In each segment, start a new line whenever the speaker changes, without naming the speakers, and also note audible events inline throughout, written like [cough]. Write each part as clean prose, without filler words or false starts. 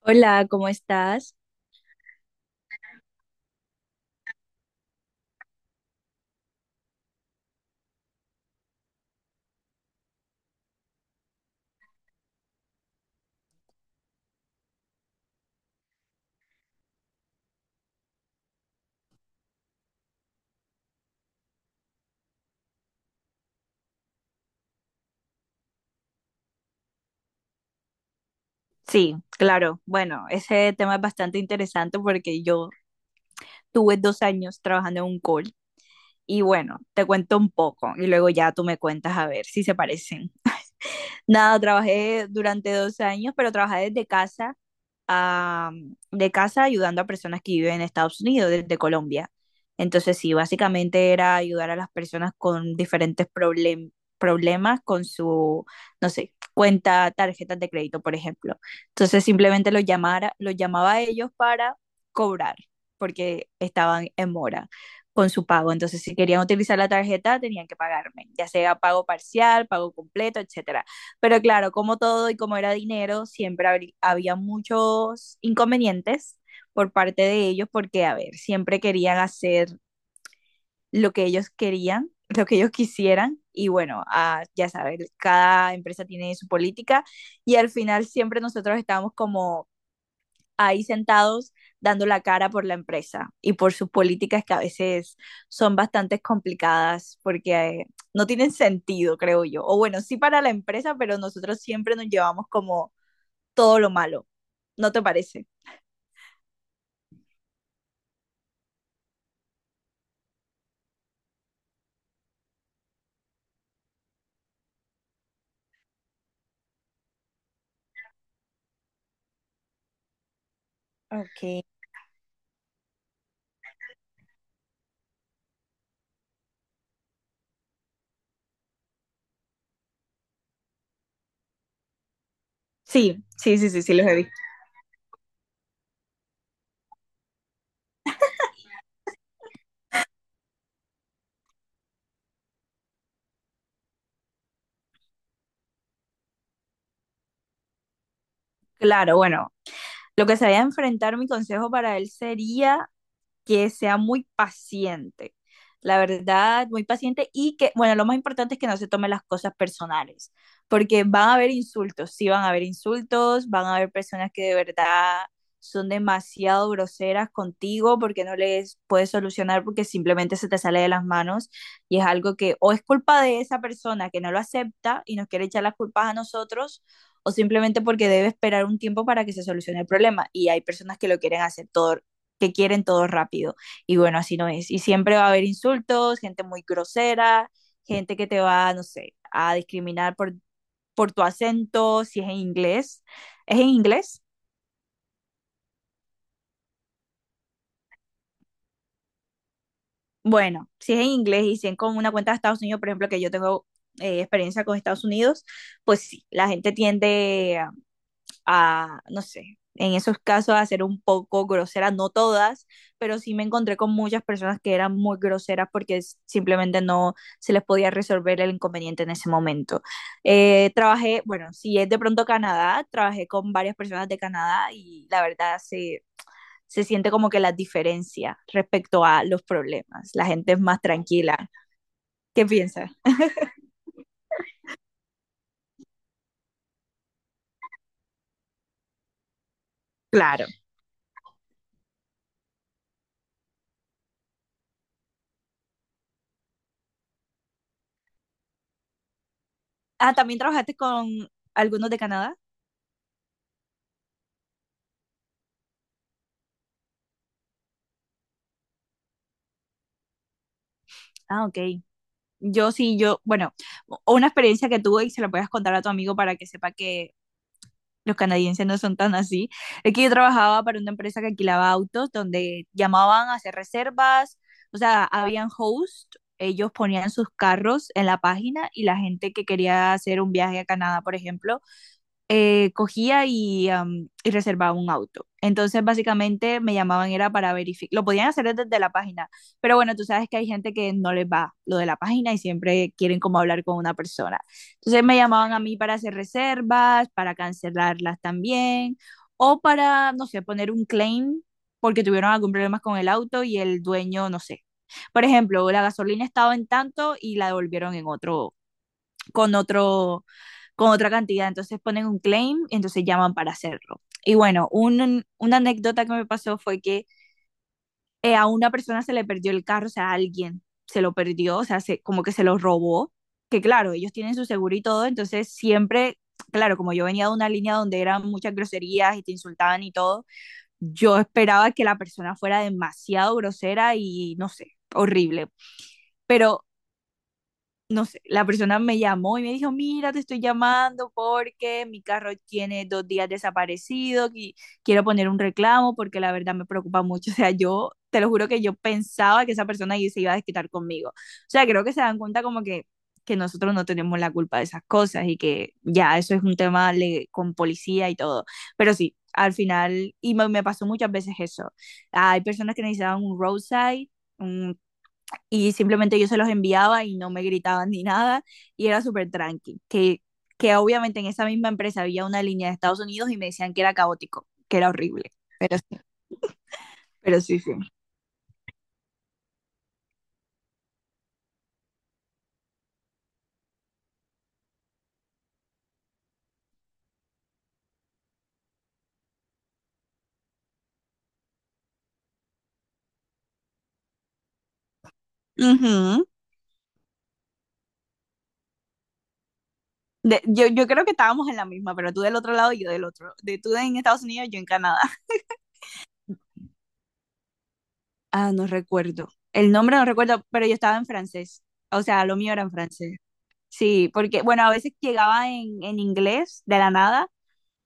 Hola, ¿cómo estás? Sí, claro. Bueno, ese tema es bastante interesante porque yo tuve dos años trabajando en un call y bueno, te cuento un poco y luego ya tú me cuentas a ver si se parecen. Nada, trabajé durante dos años, pero trabajé desde casa a- de casa ayudando a personas que viven en Estados Unidos, desde Colombia. Entonces, sí, básicamente era ayudar a las personas con diferentes problemas con su, no sé, cuenta, tarjetas de crédito, por ejemplo. Entonces, simplemente los llamaba a ellos para cobrar, porque estaban en mora con su pago. Entonces, si querían utilizar la tarjeta, tenían que pagarme, ya sea pago parcial, pago completo, etc. Pero claro, como todo y como era dinero, siempre había muchos inconvenientes por parte de ellos, porque, a ver, siempre querían hacer lo que ellos querían, lo que ellos quisieran, y bueno, ya sabes, cada empresa tiene su política, y al final siempre nosotros estábamos como ahí sentados dando la cara por la empresa y por sus políticas que a veces son bastante complicadas porque no tienen sentido, creo yo. O bueno, sí para la empresa, pero nosotros siempre nos llevamos como todo lo malo. ¿No te parece? Ok. Sí, sí, sí, sí, sí, los he visto. Claro, bueno, lo que se vaya a enfrentar mi consejo para él sería que sea muy paciente, la verdad, muy paciente y que, bueno, lo más importante es que no se tomen las cosas personales, porque van a haber insultos, sí van a haber insultos, van a haber personas que de verdad son demasiado groseras contigo porque no les puedes solucionar porque simplemente se te sale de las manos y es algo que o es culpa de esa persona que no lo acepta y nos quiere echar las culpas a nosotros o simplemente porque debe esperar un tiempo para que se solucione el problema y hay personas que lo quieren hacer todo que quieren todo rápido. Y bueno, así no es. Y siempre va a haber insultos, gente muy grosera, gente que te va, no sé, a discriminar por tu acento, si es en inglés. ¿Es en inglés? Bueno, si es en inglés y si es con una cuenta de Estados Unidos, por ejemplo, que yo tengo experiencia con Estados Unidos, pues sí, la gente tiende a, no sé, en esos casos a ser un poco grosera, no todas, pero sí me encontré con muchas personas que eran muy groseras porque simplemente no se les podía resolver el inconveniente en ese momento. Trabajé, bueno, si es de pronto Canadá, trabajé con varias personas de Canadá y la verdad se, se siente como que la diferencia respecto a los problemas. La gente es más tranquila. ¿Qué piensas? Claro. Ah, ¿también trabajaste con algunos de Canadá? Ah, ok. Yo sí, yo, bueno, una experiencia que tuve y se la puedes contar a tu amigo para que sepa que los canadienses no son tan así. Es que yo trabajaba para una empresa que alquilaba autos donde llamaban a hacer reservas, o sea, habían host, ellos ponían sus carros en la página y la gente que quería hacer un viaje a Canadá, por ejemplo, cogía y, y reservaba un auto. Entonces, básicamente me llamaban era para verificar, lo podían hacer desde la página, pero bueno, tú sabes que hay gente que no les va lo de la página y siempre quieren como hablar con una persona. Entonces me llamaban a mí para hacer reservas, para cancelarlas también, o para, no sé, poner un claim porque tuvieron algún problema con el auto y el dueño, no sé. Por ejemplo, la gasolina estaba en tanto y la devolvieron en otro, con otro con otra cantidad. Entonces ponen un claim y entonces llaman para hacerlo. Y bueno, una anécdota que me pasó fue que a una persona se le perdió el carro, o sea, a alguien se lo perdió, o sea, se, como que se lo robó. Que claro, ellos tienen su seguro y todo, entonces siempre claro, como yo venía de una línea donde eran muchas groserías y te insultaban y todo, yo esperaba que la persona fuera demasiado grosera y no sé, horrible. Pero no sé, la persona me llamó y me dijo, mira, te estoy llamando porque mi carro tiene dos días desaparecido y quiero poner un reclamo porque la verdad me preocupa mucho. [laughs] O sea, yo te lo juro que yo pensaba que esa persona ahí se iba a desquitar conmigo. O sea, creo que se dan cuenta como que nosotros no tenemos la culpa de esas cosas y que ya eso es un tema con policía y todo. Pero sí, al final, me pasó muchas veces eso. Hay personas que necesitaban un roadside un y simplemente yo se los enviaba y no me gritaban ni nada y era súper tranqui, que obviamente en esa misma empresa había una línea de Estados Unidos y me decían que era caótico, que era horrible. Pero sí. Pero sí, sí. Ujú. Yo creo que estábamos en la misma, pero tú del otro lado y yo del otro. De tú en Estados Unidos, yo en Canadá. [laughs] Ah, no recuerdo. El nombre no recuerdo, pero yo estaba en francés. O sea, lo mío era en francés. Sí, porque, bueno, a veces llegaba en inglés de la nada.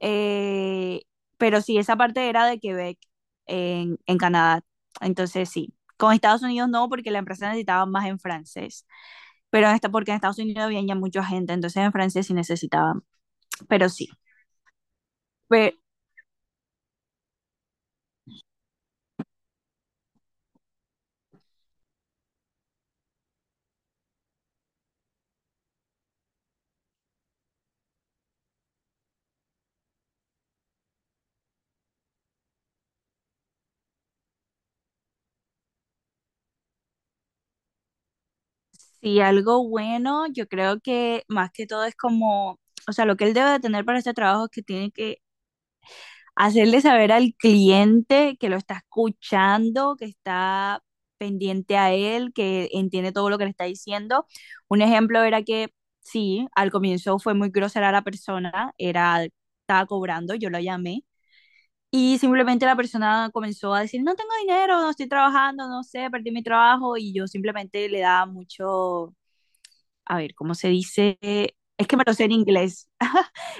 Eh, pero sí, esa parte era de Quebec, en Canadá. Entonces sí, con Estados Unidos no, porque la empresa necesitaba más en francés. Pero en esta, porque en Estados Unidos había ya mucha gente, entonces en francés sí necesitaban. Pero sí, pero sí, algo bueno, yo creo que más que todo es como, o sea, lo que él debe de tener para este trabajo es que tiene que hacerle saber al cliente que lo está escuchando, que está pendiente a él, que entiende todo lo que le está diciendo. Un ejemplo era que sí, al comienzo fue muy grosera la persona, era, estaba cobrando, yo lo llamé. Y simplemente la persona comenzó a decir, no tengo dinero, no estoy trabajando, no sé, perdí mi trabajo. Y yo simplemente le daba mucho, a ver, ¿cómo se dice? Es que me lo sé en inglés.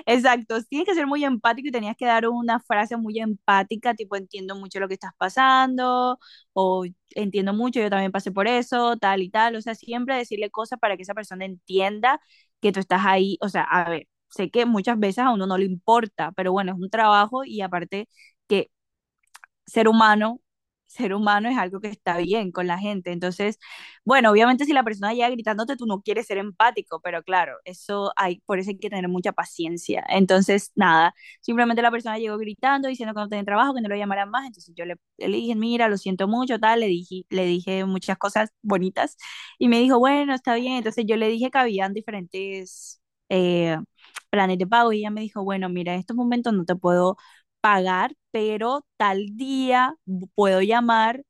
Exacto, tienes que ser muy empático y tenías que dar una frase muy empática, tipo entiendo mucho lo que estás pasando, o entiendo mucho, yo también pasé por eso, tal y tal. O sea, siempre decirle cosas para que esa persona entienda que tú estás ahí. O sea, a ver, sé que muchas veces a uno no le importa, pero bueno, es un trabajo y aparte que ser humano, ser humano es algo que está bien con la gente. Entonces, bueno, obviamente si la persona llega gritándote, tú no quieres ser empático, pero claro, eso hay, por eso hay que tener mucha paciencia. Entonces, nada, simplemente la persona llegó gritando, diciendo que no tenía trabajo, que no lo llamaran más. Entonces yo le dije, mira, lo siento mucho, tal, le dije muchas cosas bonitas y me dijo, bueno, está bien. Entonces yo le dije que habían diferentes... eh, planes de pago y ella me dijo, bueno, mira, en estos momentos no te puedo pagar, pero tal día puedo llamar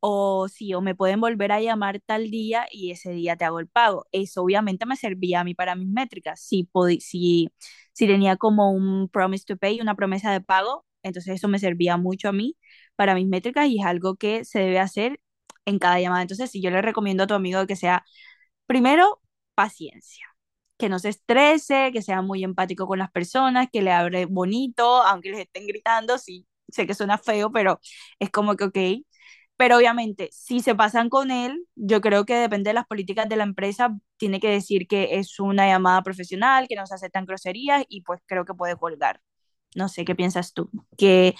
o sí, o me pueden volver a llamar tal día y ese día te hago el pago. Eso obviamente me servía a mí para mis métricas. Si tenía como un promise to pay, una promesa de pago, entonces eso me servía mucho a mí para mis métricas y es algo que se debe hacer en cada llamada. Entonces, si yo le recomiendo a tu amigo que sea Primero, paciencia. Que no se estrese, que sea muy empático con las personas, que le hable bonito, aunque les estén gritando. Sí, sé que suena feo, pero es como que, ok. Pero obviamente, si se pasan con él, yo creo que depende de las políticas de la empresa, tiene que decir que es una llamada profesional, que no se aceptan groserías y pues creo que puede colgar. No sé, ¿qué piensas tú? ¿Qué,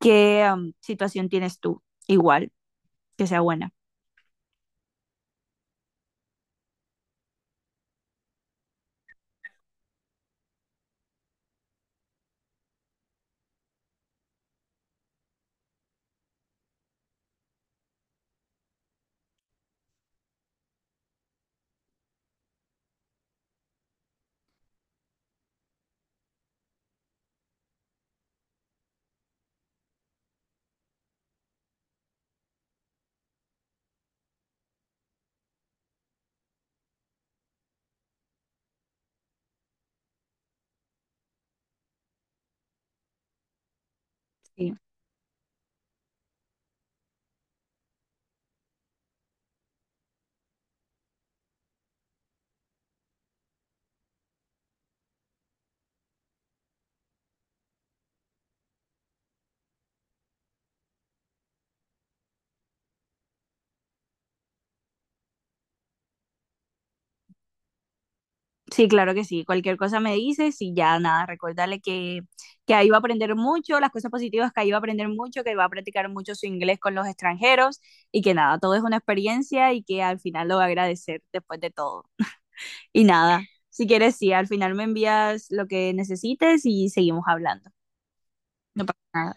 qué situación tienes tú? Igual, que sea buena. Sí. Sí, claro que sí. Cualquier cosa me dices y ya nada, recordarle que ahí va a aprender mucho, las cosas positivas que ahí va a aprender mucho, que va a practicar mucho su inglés con los extranjeros y que nada, todo es una experiencia y que al final lo va a agradecer después de todo. Y nada, si quieres, sí, al final me envías lo que necesites y seguimos hablando. No pasa nada.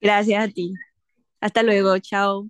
Gracias a ti. Hasta luego, chao.